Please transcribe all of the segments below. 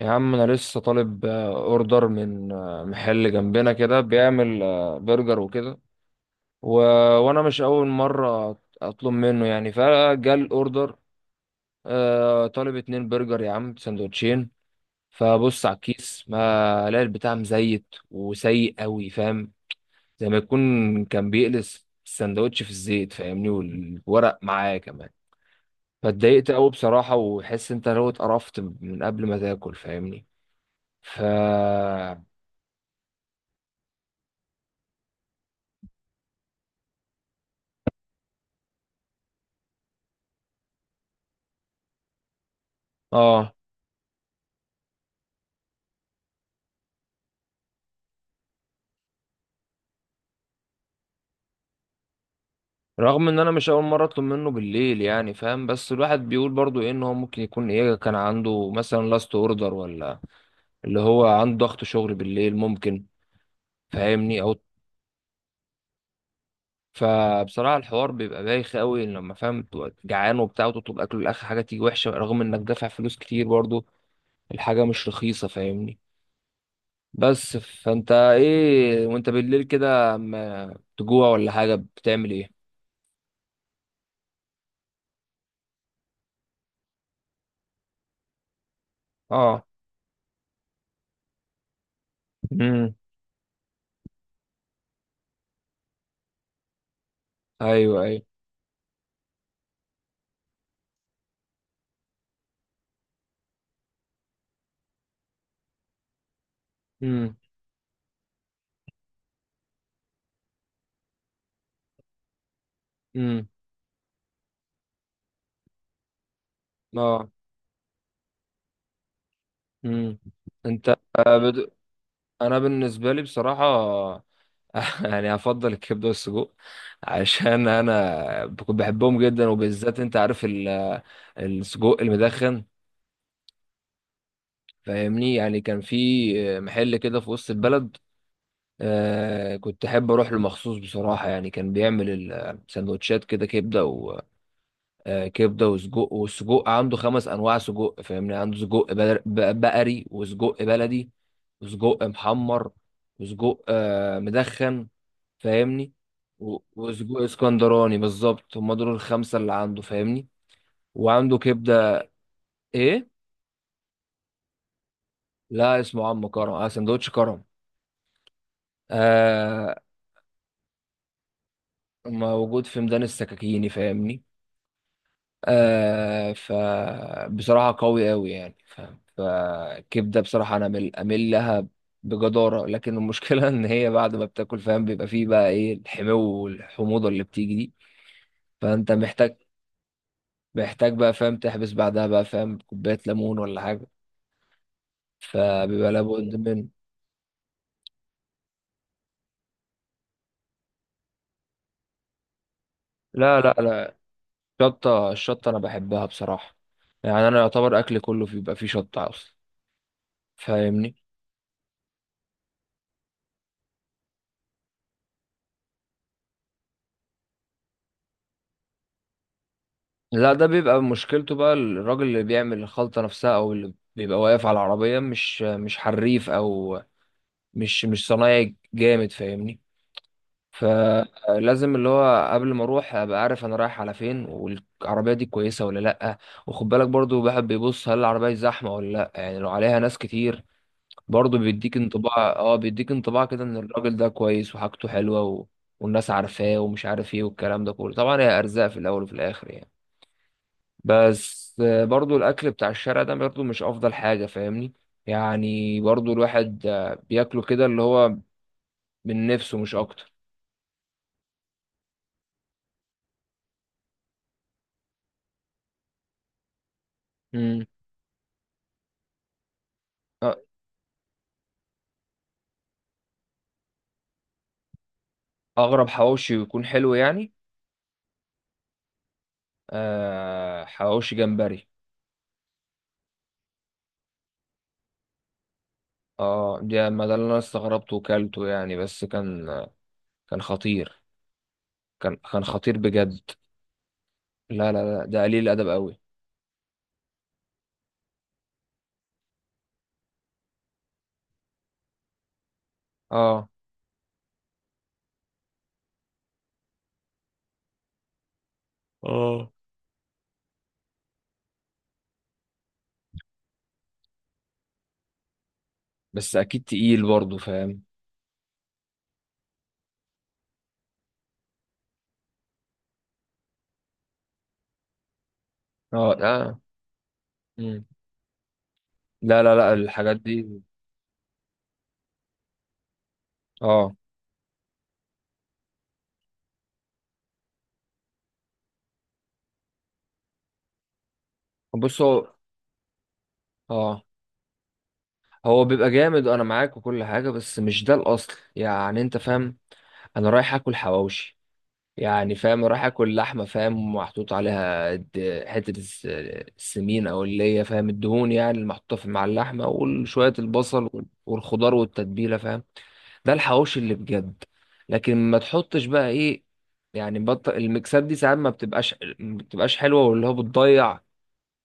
يا عم انا لسه طالب، اوردر من محل جنبنا كده بيعمل برجر وكده و... وانا مش اول مره اطلب منه يعني فجال اوردر. طالب 2 برجر يا عم سندوتشين. فبص على الكيس ما الاقي البتاع مزيت وسيء قوي فاهم. زي ما يكون كان بيقلس السندوتش في الزيت فاهمني والورق معاه كمان. فاتضايقت قوي بصراحه، وحس انت لو اتقرفت من قبل ما تاكل فاهمني. ف اه رغم ان انا مش اول مره اطلب منه بالليل يعني فاهم، بس الواحد بيقول برضو ايه ان هو ممكن يكون ايه كان عنده مثلا لاست اوردر، ولا اللي هو عنده ضغط شغل بالليل ممكن. فاهمني او فبصراحه الحوار بيبقى بايخ قوي لما فاهم بتبقى جعان وبتاع وتطلب اكل، الاخر حاجه تيجي وحشه رغم انك دافع فلوس كتير برضو. الحاجه مش رخيصه فاهمني. بس فانت ايه وانت بالليل كده اما تجوع ولا حاجه بتعمل ايه؟ اه. امم. ايوه، ايوه. امم. امم. اه. مم. انت آه، بد... انا بالنسبه لي بصراحه. يعني هفضل الكبده والسجق عشان انا بكون بحبهم جدا، وبالذات انت عارف السجق المدخن فاهمني. يعني كان في محل كده في وسط البلد، كنت احب اروح له مخصوص بصراحه. يعني كان بيعمل السندوتشات كده كبده، كبده وسجق. والسجق عنده 5 انواع سجق فاهمني، عنده سجق بقري، وسجق بلدي، وسجق محمر، وسجق مدخن فاهمني. وسجق اسكندراني بالظبط، هم دول الخمسه اللي عنده فاهمني. وعنده كبده. ايه. لا، اسمه عم كرم، سندوتش كرم. آه موجود في ميدان السكاكيني فاهمني. فبصراحة قوي قوي يعني فاهم، فالكبدة بصراحة أنا أمل أمل لها بجدارة. لكن المشكلة إن هي بعد ما بتاكل فاهم، بيبقى فيه بقى إيه الحمو والحموضة اللي بتيجي دي. فأنت محتاج بقى فاهم تحبس بعدها بقى فاهم كوباية ليمون ولا حاجة. فبيبقى لابد منه. لا، لا، لا، الشطة الشطة أنا بحبها بصراحة. يعني أنا يعتبر أكلي كله بيبقى فيه شطة أصلا فاهمني. لا، ده بيبقى مشكلته بقى الراجل اللي بيعمل الخلطة نفسها، او اللي بيبقى واقف على العربية مش حريف، او مش صنايعي جامد فاهمني. فلازم اللي هو قبل ما اروح ابقى عارف انا رايح على فين والعربية دي كويسة ولا لا. وخد بالك برضو الواحد بيبص هل العربية دي زحمة ولا لا. يعني لو عليها ناس كتير برضو بيديك انطباع، اه بيديك انطباع كده ان الراجل ده كويس وحاجته حلوة والناس عارفاه ومش عارف ايه والكلام ده كله. طبعا هي ارزاق في الاول وفي الاخر يعني. بس برضو الاكل بتاع الشارع ده برضو مش افضل حاجه فاهمني. يعني برضو الواحد بياكله كده اللي هو من نفسه مش اكتر. مم. أ- اغرب حواوشي يكون حلو يعني؟ حواوشي جمبري. اه ده ما ده اللي انا استغربته وكلته يعني. بس كان كان خطير. كان خطير بجد. لا، لا، لا، ده قليل الادب قوي. اه. اه. بس اكيد تقيل برضه فاهم. اه. لا. مم. لا، لا، لا، الحاجات دي. اه. بص هو. اه، هو بيبقى جامد وانا معاك وكل حاجه، بس مش ده الاصل يعني انت فاهم. انا رايح اكل حواوشي، يعني فاهم رايح اكل لحمه فاهم، محطوط عليها حته السمين، او اللي هي فاهم الدهون يعني المحطوطه في مع اللحمه، وشويه البصل والخضار والتتبيله فاهم. ده الحواوشي اللي بجد. لكن ما تحطش بقى ايه، يعني الميكسات دي ساعات ما بتبقاش حلوه، واللي هو بتضيع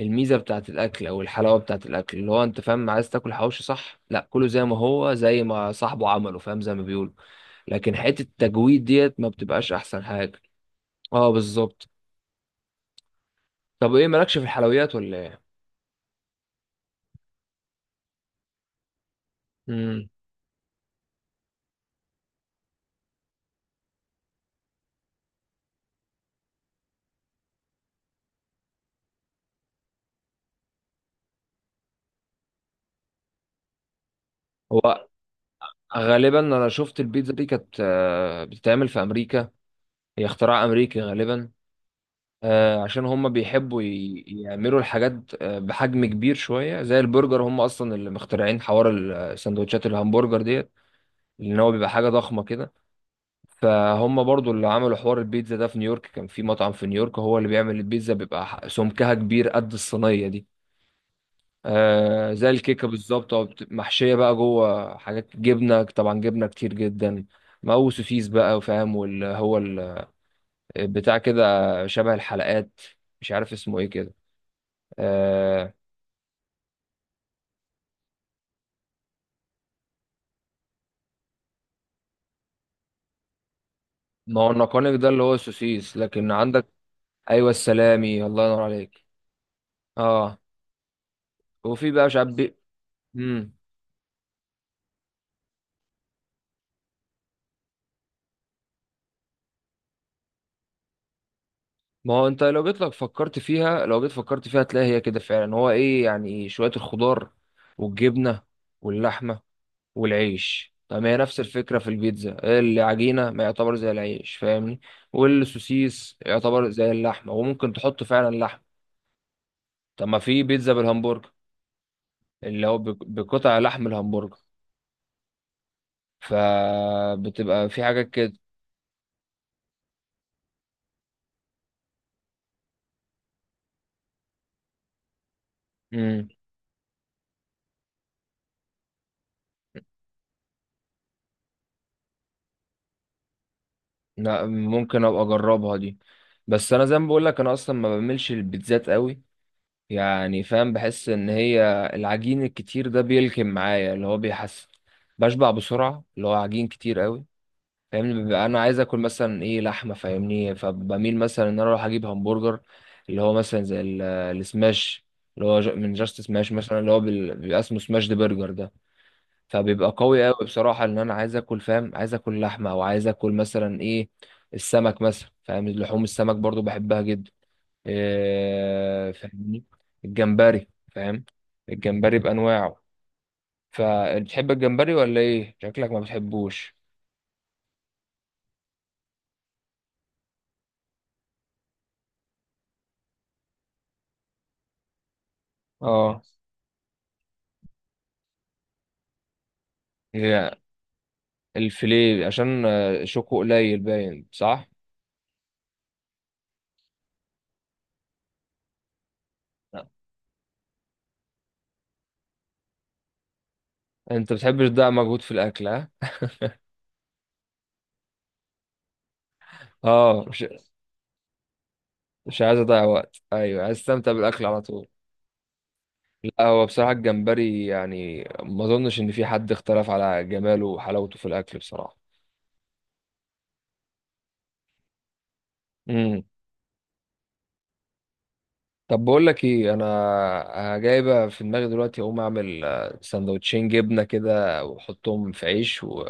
الميزه بتاعت الاكل او الحلاوه بتاعت الاكل. اللي هو انت فاهم عايز تاكل حواوشي، صح؟ لا كله زي ما هو، زي ما صاحبه عمله فاهم، زي ما بيقولوا. لكن حته التجويد ديت ما بتبقاش احسن حاجه. اه بالظبط. طب ايه مالكش في الحلويات ولا ايه؟ امم. هو غالبا انا شفت البيتزا دي كانت بتتعمل في امريكا. هي اختراع امريكي غالبا. عشان هم بيحبوا يعملوا الحاجات بحجم كبير شويه زي البرجر. هم اصلا اللي مخترعين حوار السندوتشات الهمبرجر ديت، لان هو بيبقى حاجه ضخمه كده. فهم برضو اللي عملوا حوار البيتزا ده في نيويورك. كان في مطعم في نيويورك هو اللي بيعمل البيتزا، بيبقى سمكها كبير قد الصينية دي. زي الكيكة بالظبط، أو محشية بقى جوه حاجات جبنة، طبعا جبنة كتير جدا. مو سوسيس بقى وفاهم واللي هو بتاع كده، شبه الحلقات، مش عارف اسمه ايه كده. آه. ما هو النقانق ده اللي هو السوسيس، لكن عندك ايوه السلامي، الله ينور عليك. اه. وفي بقى مش عارف مم. ما هو انت لو جيت لك فكرت فيها، لو جيت فكرت فيها هتلاقي هي كده فعلا، هو ايه يعني شوية الخضار والجبنة واللحمة والعيش. طب ما هي نفس الفكرة في البيتزا، العجينة ما يعتبر زي العيش فاهمني، والسوسيس يعتبر زي اللحمة، وممكن تحط فعلا لحم. طب ما في بيتزا بالهمبرجر، اللي هو بقطع لحم الهمبرجر، فبتبقى في حاجات كده. امم. لا، ممكن ابقى اجربها دي. بس انا زي ما بقول لك انا اصلا ما بعملش البيتزات قوي، يعني فاهم بحس ان هي العجين الكتير ده بيلكم معايا، اللي هو بيحس بشبع بسرعه، اللي هو عجين كتير قوي فاهمني. ببقى انا عايز اكل مثلا ايه لحمه فاهمني، فبميل مثلا ان انا اروح اجيب همبرجر، اللي هو مثلا زي السماش، اللي هو من جاست سماش مثلا اللي هو بيبقى اسمه سماش دي برجر ده. فبيبقى قوي قوي بصراحه ان انا عايز اكل فاهم، عايز اكل لحمه، او عايز اكل مثلا ايه السمك مثلا فاهم. لحوم السمك برضو بحبها جدا، فاهمني، الجمبري فاهم، الجمبري بأنواعه. فبتحب الجمبري ولا ايه؟ شكلك ما بتحبوش. اه. هي الفيليه عشان شوكه قليل باين، صح؟ لا. انت بتحبش تضيع مجهود في الاكل، ها. اه، مش عايز اضيع وقت. ايوه عايز استمتع بالاكل على طول. لا هو بصراحة الجمبري يعني ما اظنش ان في حد اختلف على جماله وحلاوته في الاكل بصراحة. مم. طب بقول لك ايه، انا جايبه في دماغي دلوقتي اقوم اعمل سندوتشين جبنه كده واحطهم في عيش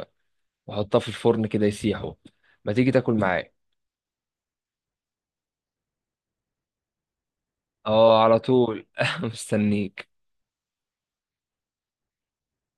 واحطها في الفرن كده يسيحوا. ما تيجي تاكل معايا. اه، على طول مستنيك.